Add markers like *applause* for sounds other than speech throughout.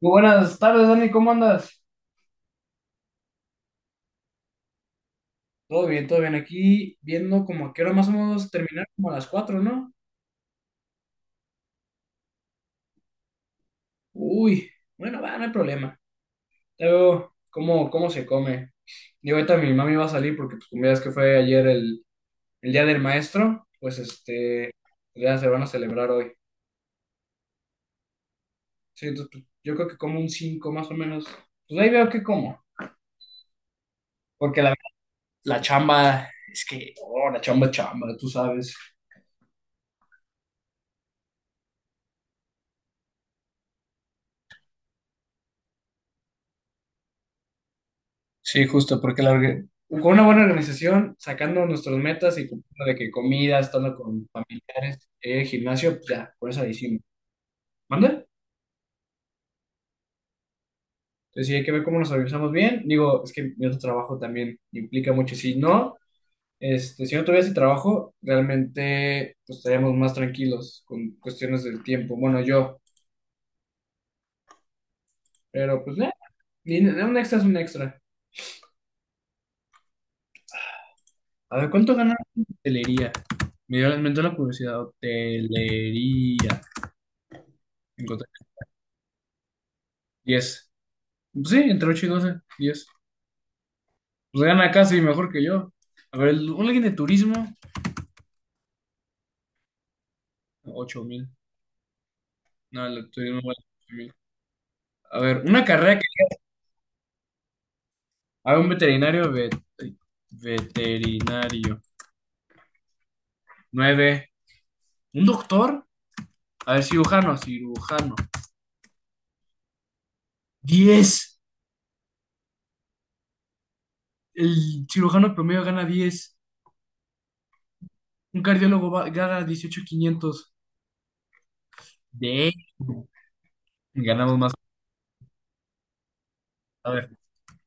Muy buenas tardes, Dani, ¿cómo andas? Todo bien, todo bien. Aquí viendo como a qué hora más o menos terminar, como a las 4, ¿no? Uy, bueno, va, no hay problema. Ya veo cómo se come. Y ahorita mi mami va a salir porque, pues, como ya es que fue ayer el día del maestro, pues ya se van a celebrar hoy. Sí, entonces, pues, yo creo que como un 5 más o menos. Pues ahí veo que como. Porque la, la chamba, es que, oh, la chamba es chamba, tú sabes. Sí, justo, porque con una buena organización, sacando nuestras metas y cumpliendo de que comida, estando con familiares, gimnasio, pues ya, por eso ahí sí. ¿Manda? Entonces sí hay que ver cómo nos organizamos bien. Digo, es que mi otro trabajo también implica mucho. Si no, si no tuviera ese trabajo, realmente pues, estaríamos más tranquilos con cuestiones del tiempo. Bueno, yo, pero pues un extra es un extra. A ver, ¿cuánto gana en hotelería? Me dio, me entró la curiosidad, hotelería. Encontré diez. Sí, entre 8 y 12 diez. Pues gana casi mejor que yo. A ver, alguien de turismo, 8,000. No, el de turismo vale 8 mil. A ver, una carrera que. A ver, un veterinario, veterinario, nueve. Un doctor, a ver, cirujano, diez. El cirujano promedio gana diez. Un cardiólogo gana 18,500. De. Ganamos más. A ver,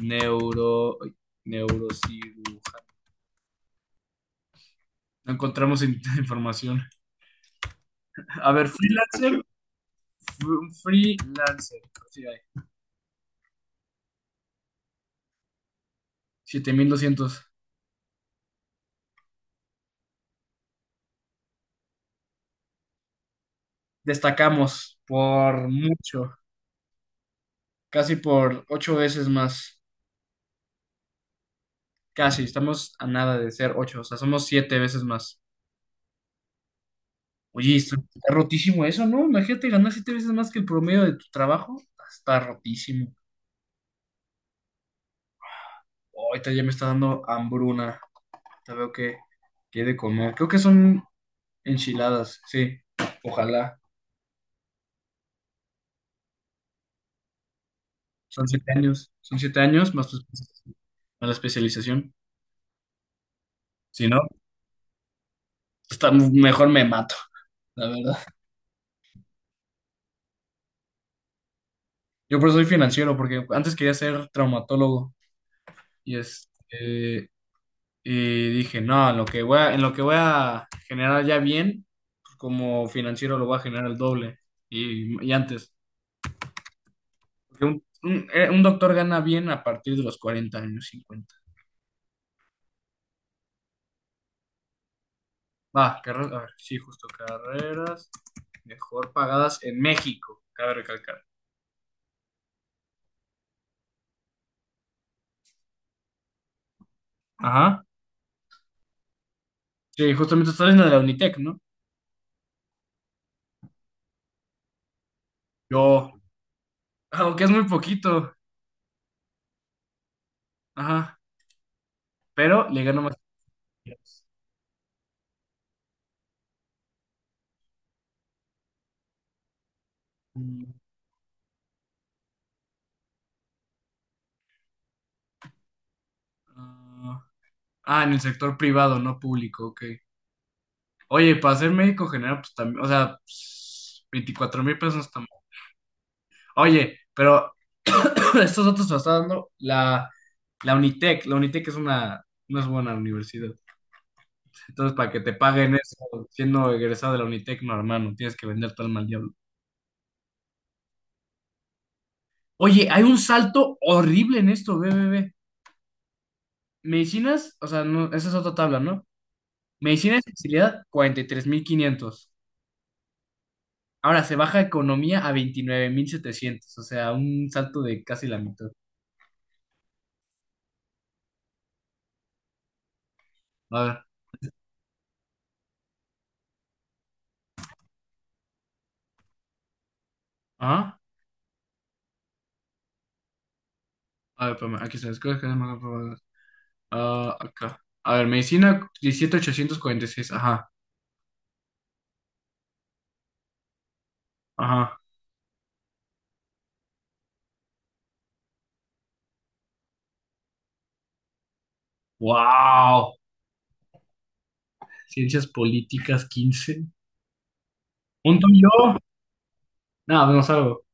neuro, neurocirujano. No encontramos *laughs* información. A ver, freelancer, freelancer, sí hay, 7,200. Destacamos por mucho, casi por ocho veces más. Casi, estamos a nada de ser ocho, o sea, somos siete veces más. Oye, está rotísimo eso, ¿no? Imagínate ganar siete veces más que el promedio de tu trabajo. Está rotísimo. Ahorita ya me está dando hambruna. Te veo que, que he de comer. Creo que son enchiladas, sí. Ojalá. Son siete años más tu especialización- más la especialización. Si no, está, mejor me mato, la verdad. Yo por eso soy financiero, porque antes quería ser traumatólogo y, este, y dije, no, en lo que voy a generar ya bien, pues, como financiero lo voy a generar el doble y antes. Porque un doctor gana bien a partir de los 40 años, cincuenta. Va, carreras, a ver, sí, justo carreras mejor pagadas en México, cabe recalcar. Ajá. Sí, justamente estás en la de la Unitec, ¿no? Yo, aunque es muy poquito. Ajá. Pero le gano más. Mm, ah, ah, en el sector privado, no público, ok. Oye, para ser médico general, pues también, o sea, 24,000 pesos también. Oye, pero *clears throat* estos datos los está dando la Unitec. La Unitec es una, no es buena universidad. Entonces, para que te paguen eso, siendo egresado de la Unitec, no, hermano, tienes que vender tu alma al diablo. Oye, hay un salto horrible en esto, ve. Medicinas, o sea, no, esa es otra tabla, ¿no? Medicina especialidad, 43,500. Ahora se baja economía a 29,700, o sea, un salto de casi la mitad. A ver, ajá. A ver, espérame, aquí se escoge que más aprobadas. Ah, acá. A ver, medicina 17.846, ajá. ¡Wow! Ciencias políticas 15. ¿Punto yo? Nada, no salgo.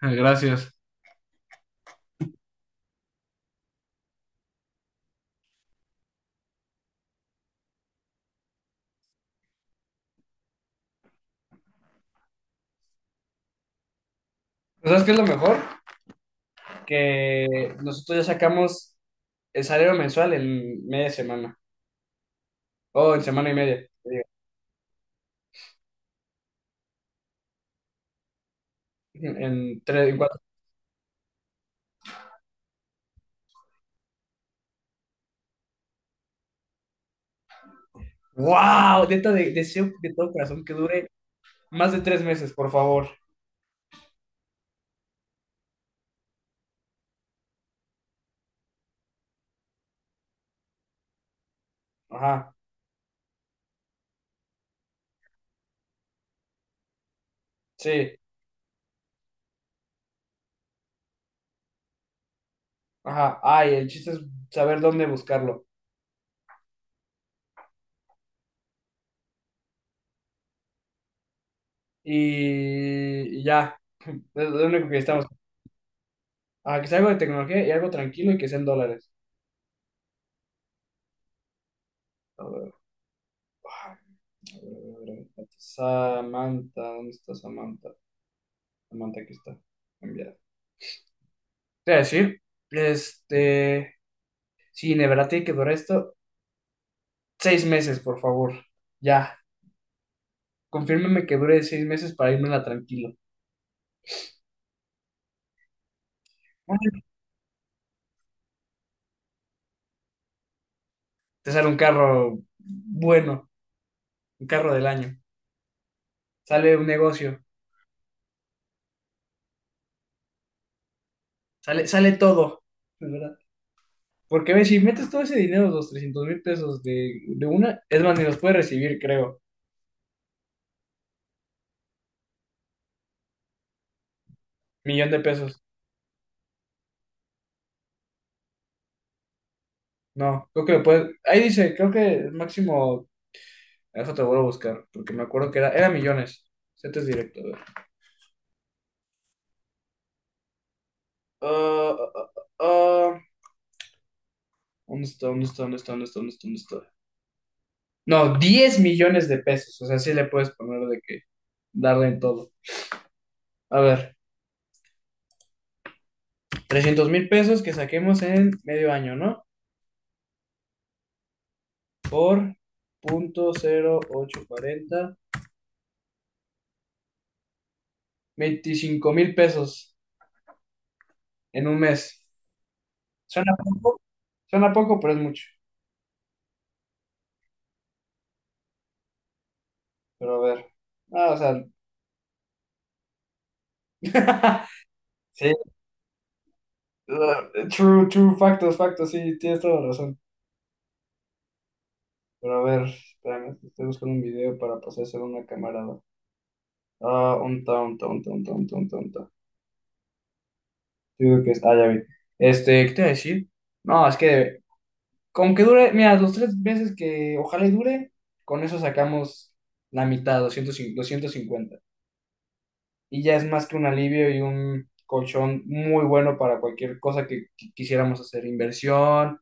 Ah, gracias. ¿Sabes qué es lo mejor? Que nosotros ya sacamos el salario mensual en media semana, o en semana y media, te digo, en tres, en cuatro. ¡Wow! Neta, deseo de todo corazón que dure más de tres meses, por favor. Ajá, sí, ajá. Ay, el chiste es saber dónde buscarlo. Y ya, *laughs* es lo único que estamos. Ah, que sea algo de tecnología y algo tranquilo y que sea en dólares. A ver, ah, a ver, a ver. Samantha, ¿dónde está Samantha? Samantha, aquí está. Enviar. Te voy a decir, este, sí, de verdad tiene que durar esto seis meses, por favor. Ya, confírmeme que dure seis meses para irme tranquilo. Te sale un carro bueno, un carro del año, sale un negocio, sale todo, de verdad. Porque ves, si metes todo ese dinero, los 300,000 pesos de una, es más, ni los puedes recibir, creo. Millón de pesos. No, creo que lo puedes. Ahí dice, creo que el máximo. Eso te vuelvo a buscar, porque me acuerdo que era millones. Setes directo. Ah, ah, ah, ah. ¿Dónde está? ¿Dónde está? ¿Dónde está? ¿Dónde está? ¿Dónde está? ¿Dónde está? No, 10,000,000 de pesos. O sea, sí le puedes poner de que darle en todo. A ver, 300,000 pesos que saquemos en medio año, ¿no? Por punto cero ocho cuarenta 25,000 pesos en un mes. Suena poco, suena poco, pero es mucho. Pero a ver. Ah, o sea, *laughs* sí, true, true, factos, sí, tienes toda la razón. Pero a ver, espérame, estoy buscando un video para pasárselo a una camarada. Ah, un ta, un ta, un ta, un ta, un ta, un ta, un ta. Yo digo que es, ah, ya vi. Este, ¿qué te iba a decir? No, es que con que dure, mira, los tres meses que ojalá y dure, con eso sacamos la mitad, doscientos cincuenta. Y ya es más que un alivio y un colchón muy bueno para cualquier cosa que, quisiéramos hacer, inversión,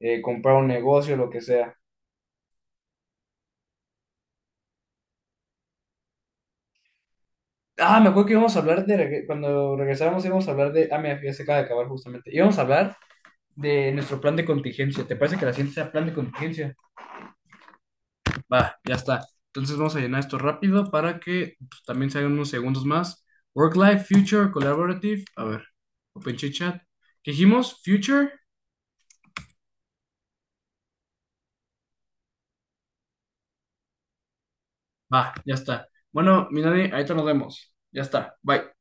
comprar un negocio, lo que sea. Ah, me acuerdo que íbamos a hablar de, cuando regresábamos íbamos a hablar de, ah, mira, ya se acaba de acabar justamente. Íbamos a hablar de nuestro plan de contingencia. ¿Te parece que la ciencia sea plan de contingencia? Va, ya está. Entonces vamos a llenar esto rápido para que pues, también se hagan unos segundos más. Work Life, Future, Collaborative. A ver, Open Chit Chat. ¿Qué dijimos? Future. Va, ya está. Bueno, mi Dani, ahorita nos vemos. Ya está. Bye.